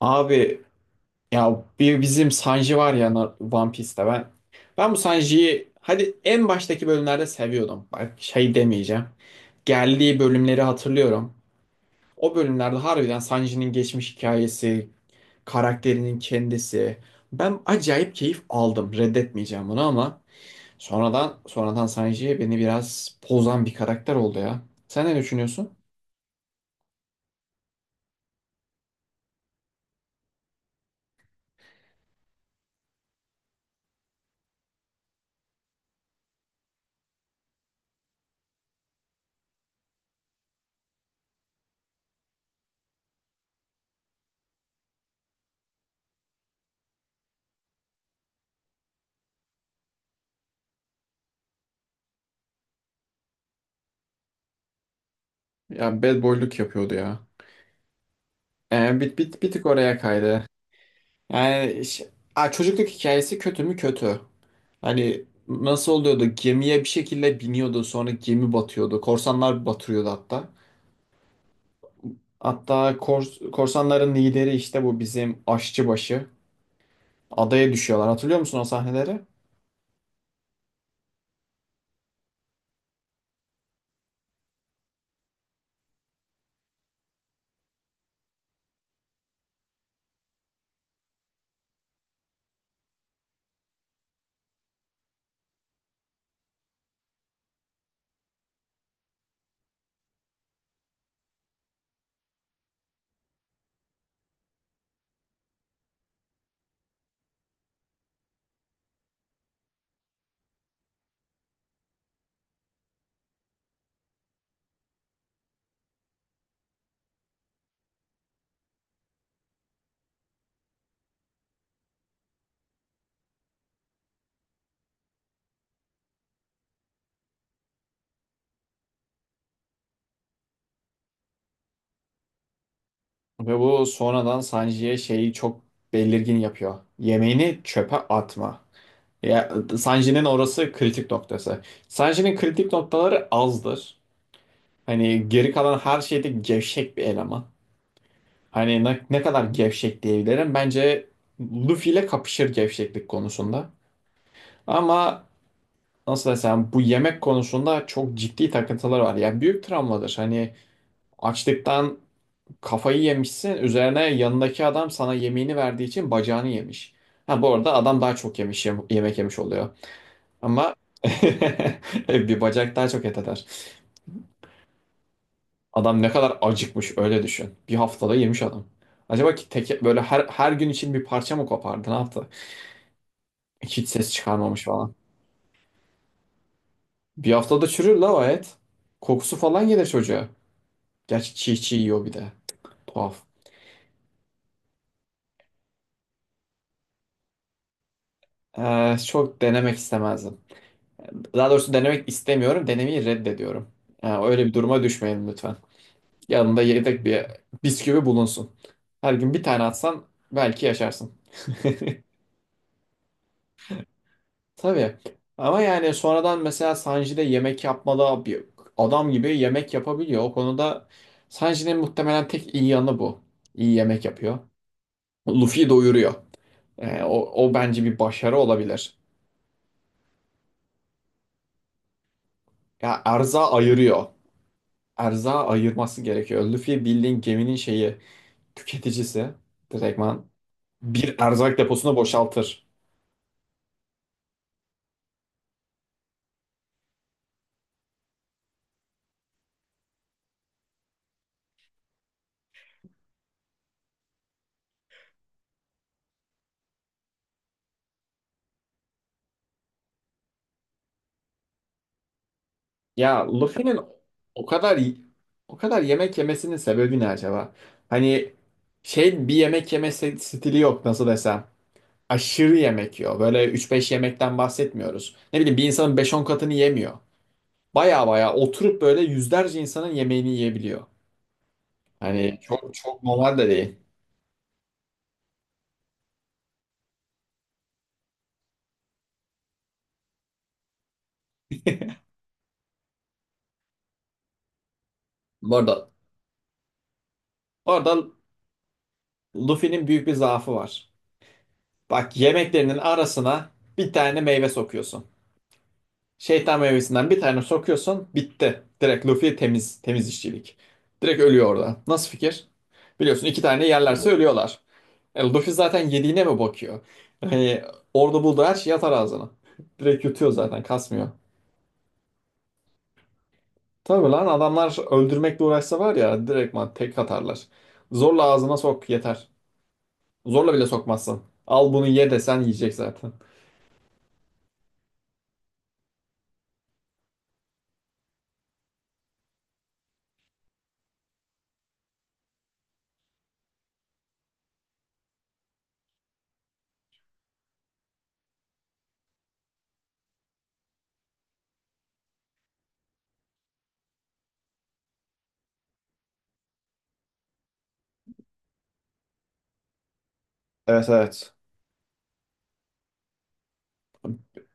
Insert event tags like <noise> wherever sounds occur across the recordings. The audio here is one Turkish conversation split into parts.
Abi ya bir bizim Sanji var ya One Piece'te ben. Ben bu Sanji'yi hadi en baştaki bölümlerde seviyordum. Bak şey demeyeceğim. Geldiği bölümleri hatırlıyorum. O bölümlerde harbiden Sanji'nin geçmiş hikayesi, karakterinin kendisi. Ben acayip keyif aldım. Reddetmeyeceğim bunu ama sonradan Sanji beni biraz pozan bir karakter oldu ya. Sen ne düşünüyorsun? Ya bad boyluk yapıyordu ya. Bir tık oraya kaydı. Yani ş- Aa, çocukluk hikayesi kötü mü kötü. Hani nasıl oluyordu? Gemiye bir şekilde biniyordu, sonra gemi batıyordu. Korsanlar batırıyordu hatta. Hatta korsanların lideri işte bu bizim aşçıbaşı. Adaya düşüyorlar. Hatırlıyor musun o sahneleri? Ve bu sonradan Sanji'ye şeyi çok belirgin yapıyor. Yemeğini çöpe atma. Ya, Sanji'nin orası kritik noktası. Sanji'nin kritik noktaları azdır. Hani geri kalan her şeyde gevşek bir eleman. Hani ne kadar gevşek diyebilirim. Bence Luffy ile kapışır gevşeklik konusunda. Ama nasıl desem, bu yemek konusunda çok ciddi takıntılar var. Yani büyük travmadır. Hani açlıktan kafayı yemişsin. Üzerine yanındaki adam sana yemeğini verdiği için bacağını yemiş. Ha bu arada adam daha çok yemiş yemek yemiş oluyor. Ama <laughs> bir bacak daha çok et eder. Adam ne kadar acıkmış öyle düşün. Bir haftada yemiş adam. Acaba ki teke, böyle her gün için bir parça mı kopardı? Ne yaptı? Hiç ses çıkarmamış falan. Bir haftada çürür la o et. Kokusu falan gelir çocuğa. Gerçi çiğ çiğ yiyor bir de. Tuhaf. Çok denemek istemezdim. Daha doğrusu denemek istemiyorum. Denemeyi reddediyorum. Yani öyle bir duruma düşmeyin lütfen. Yanında yedek bir bisküvi bulunsun. Her gün bir tane atsan belki yaşarsın. <laughs> Tabii. Ama yani sonradan mesela Sanji de yemek yapmalı bir adam gibi yemek yapabiliyor. O konuda Sanji'nin muhtemelen tek iyi yanı bu. İyi yemek yapıyor. Luffy'yi doyuruyor. O bence bir başarı olabilir. Ya erza ayırıyor. Erza ayırması gerekiyor. Luffy bildiğin geminin şeyi tüketicisi. Direktman bir erzak deposunu boşaltır. Ya Luffy'nin o kadar o kadar yemek yemesinin sebebi ne acaba? Hani şey, bir yemek stili yok nasıl desem. Aşırı yemek yiyor. Böyle üç beş yemekten bahsetmiyoruz. Ne bileyim, bir insanın beş on katını yemiyor. Baya baya oturup böyle yüzlerce insanın yemeğini yiyebiliyor. Hani çok çok normal de değil. Bu arada, bu arada Luffy'nin büyük bir zaafı var. Bak yemeklerinin arasına bir tane meyve sokuyorsun. Şeytan meyvesinden bir tane sokuyorsun, bitti. Direkt Luffy temiz, temiz işçilik. Direkt ölüyor orada. Nasıl fikir? Biliyorsun iki tane yerlerse ölüyorlar. E, Luffy zaten yediğine mi bakıyor? Hani orada bulduğu her şey atar ağzına. <laughs> Direkt yutuyor zaten, kasmıyor. Tabii lan, adamlar öldürmekle uğraşsa var ya direktman tek atarlar. Zorla ağzına sok yeter. Zorla bile sokmazsın. Al bunu ye desen yiyecek zaten. Evet, evet.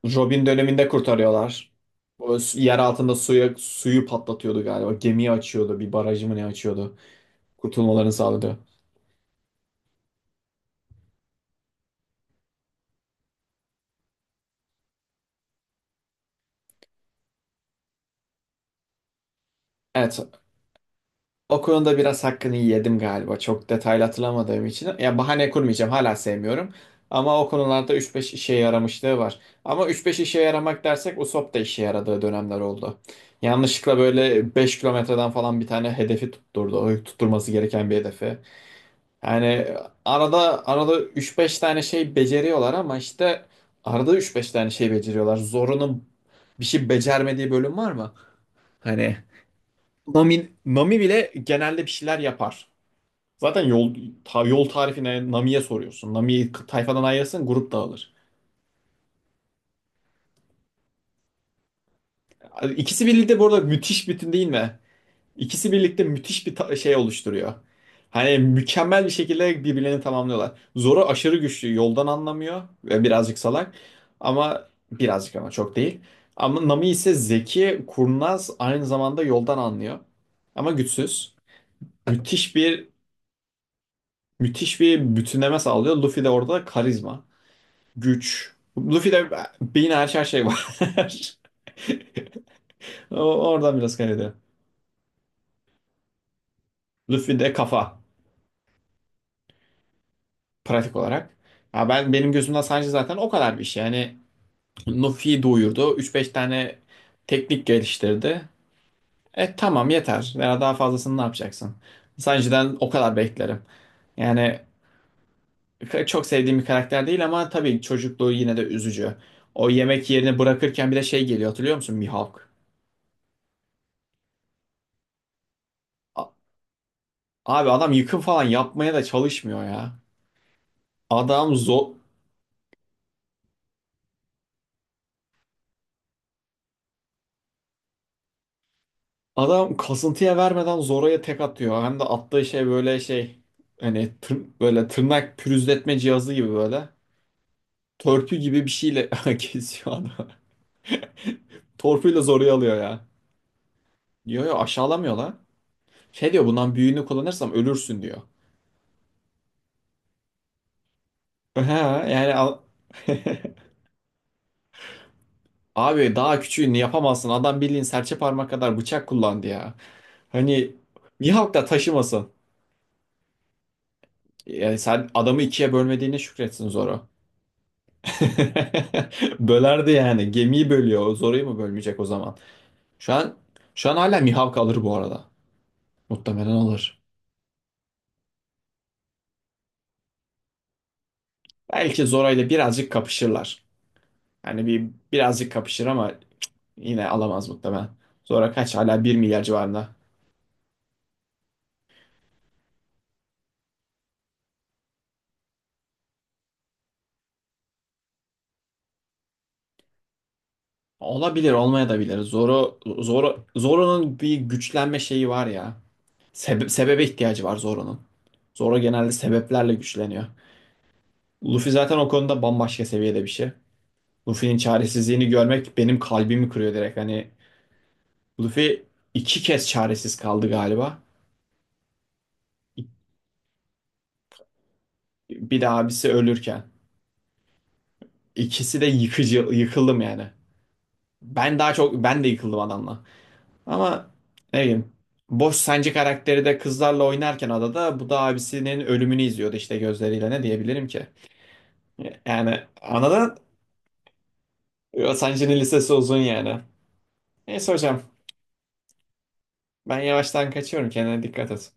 Robin döneminde kurtarıyorlar. Yer altında suya, suyu patlatıyordu galiba. Gemiyi açıyordu. Bir barajı mı ne açıyordu. Kurtulmalarını sağladı. Evet. O konuda biraz hakkını yedim galiba. Çok detaylı hatırlamadığım için. Ya bahane kurmayacağım. Hala sevmiyorum. Ama o konularda 3-5 işe yaramışlığı var. Ama üç beş işe yaramak dersek Usopp da işe yaradığı dönemler oldu. Yanlışlıkla böyle 5 kilometreden falan bir tane hedefi tutturdu. O tutturması gereken bir hedefi. Yani arada arada üç beş tane şey beceriyorlar ama işte arada üç beş tane şey beceriyorlar. Zoro'nun bir şey becermediği bölüm var mı? Hani Nami bile genelde bir şeyler yapar. Zaten yol tarifine Nami'ye soruyorsun. Tayfadan ayırırsın, grup dağılır. İkisi birlikte bu arada müthiş bütün değil mi? İkisi birlikte müthiş bir şey oluşturuyor. Hani mükemmel bir şekilde birbirlerini tamamlıyorlar. Zoro aşırı güçlü, yoldan anlamıyor ve birazcık salak. Ama birazcık, ama çok değil. Ama Nami ise zeki, kurnaz, aynı zamanda yoldan anlıyor. Ama güçsüz. Müthiş bir müthiş bir bütünleme sağlıyor. Luffy de orada karizma. Güç. Luffy'de beyin, her şey var. <laughs> Oradan biraz kaynaklı. Luffy'de kafa pratik olarak. Ya ben, benim gözümden sadece zaten o kadar bir şey. Yani Luffy'yi doyurdu, üç beş tane teknik geliştirdi. E tamam, yeter. Veya daha fazlasını ne yapacaksın? Sanji'den o kadar beklerim. Yani çok sevdiğim bir karakter değil ama tabii çocukluğu yine de üzücü. O yemek yerini bırakırken bir de şey geliyor, hatırlıyor musun? Mihawk. A- Abi adam yıkım falan yapmaya da çalışmıyor ya. Adam zor, adam kasıntıya vermeden Zoro'ya tek atıyor. Hem de attığı şey böyle şey, hani böyle tırnak pürüzletme cihazı gibi böyle. Törpü gibi bir şeyle <laughs> kesiyor adamı. Torpuyla Zoro'yu alıyor ya. Diyor ya, aşağılamıyor lan. Şey diyor, bundan büyüğünü kullanırsam ölürsün diyor. <laughs> He, yani al- <laughs> abi daha küçüğünü yapamazsın. Adam bildiğin serçe parmak kadar bıçak kullandı ya. Hani Mihawk da taşımasın. Yani sen adamı ikiye bölmediğine şükretsin Zoro. <laughs> Bölerdi yani. Gemiyi bölüyor. O Zoro'yu mu bölmeyecek o zaman? Şu an şu an hala Mihawk alır bu arada. Muhtemelen alır. Belki Zoro ile birazcık kapışırlar. Yani bir birazcık kapışır ama yine alamaz muhtemelen. Zoro kaç, hala 1 milyar civarında. Olabilir, olmaya da bilir. Zoro'nun bir güçlenme şeyi var ya. Sebebe ihtiyacı var Zoro'nun. Zoro genelde sebeplerle güçleniyor. Luffy zaten o konuda bambaşka seviyede bir şey. Luffy'nin çaresizliğini görmek benim kalbimi kırıyor direkt. Hani Luffy iki kez çaresiz kaldı galiba. Bir de abisi ölürken. İkisi de yıkıcı, yıkıldım yani. Ben daha çok, ben de yıkıldım adamla. Ama ne bileyim. Boş, sence karakteri de kızlarla oynarken adada, bu da abisinin ölümünü izliyordu işte gözleriyle, ne diyebilirim ki? Yani anladın? Sancı'nın lisesi uzun yani. Neyse hocam, ben yavaştan kaçıyorum, kendine dikkat et.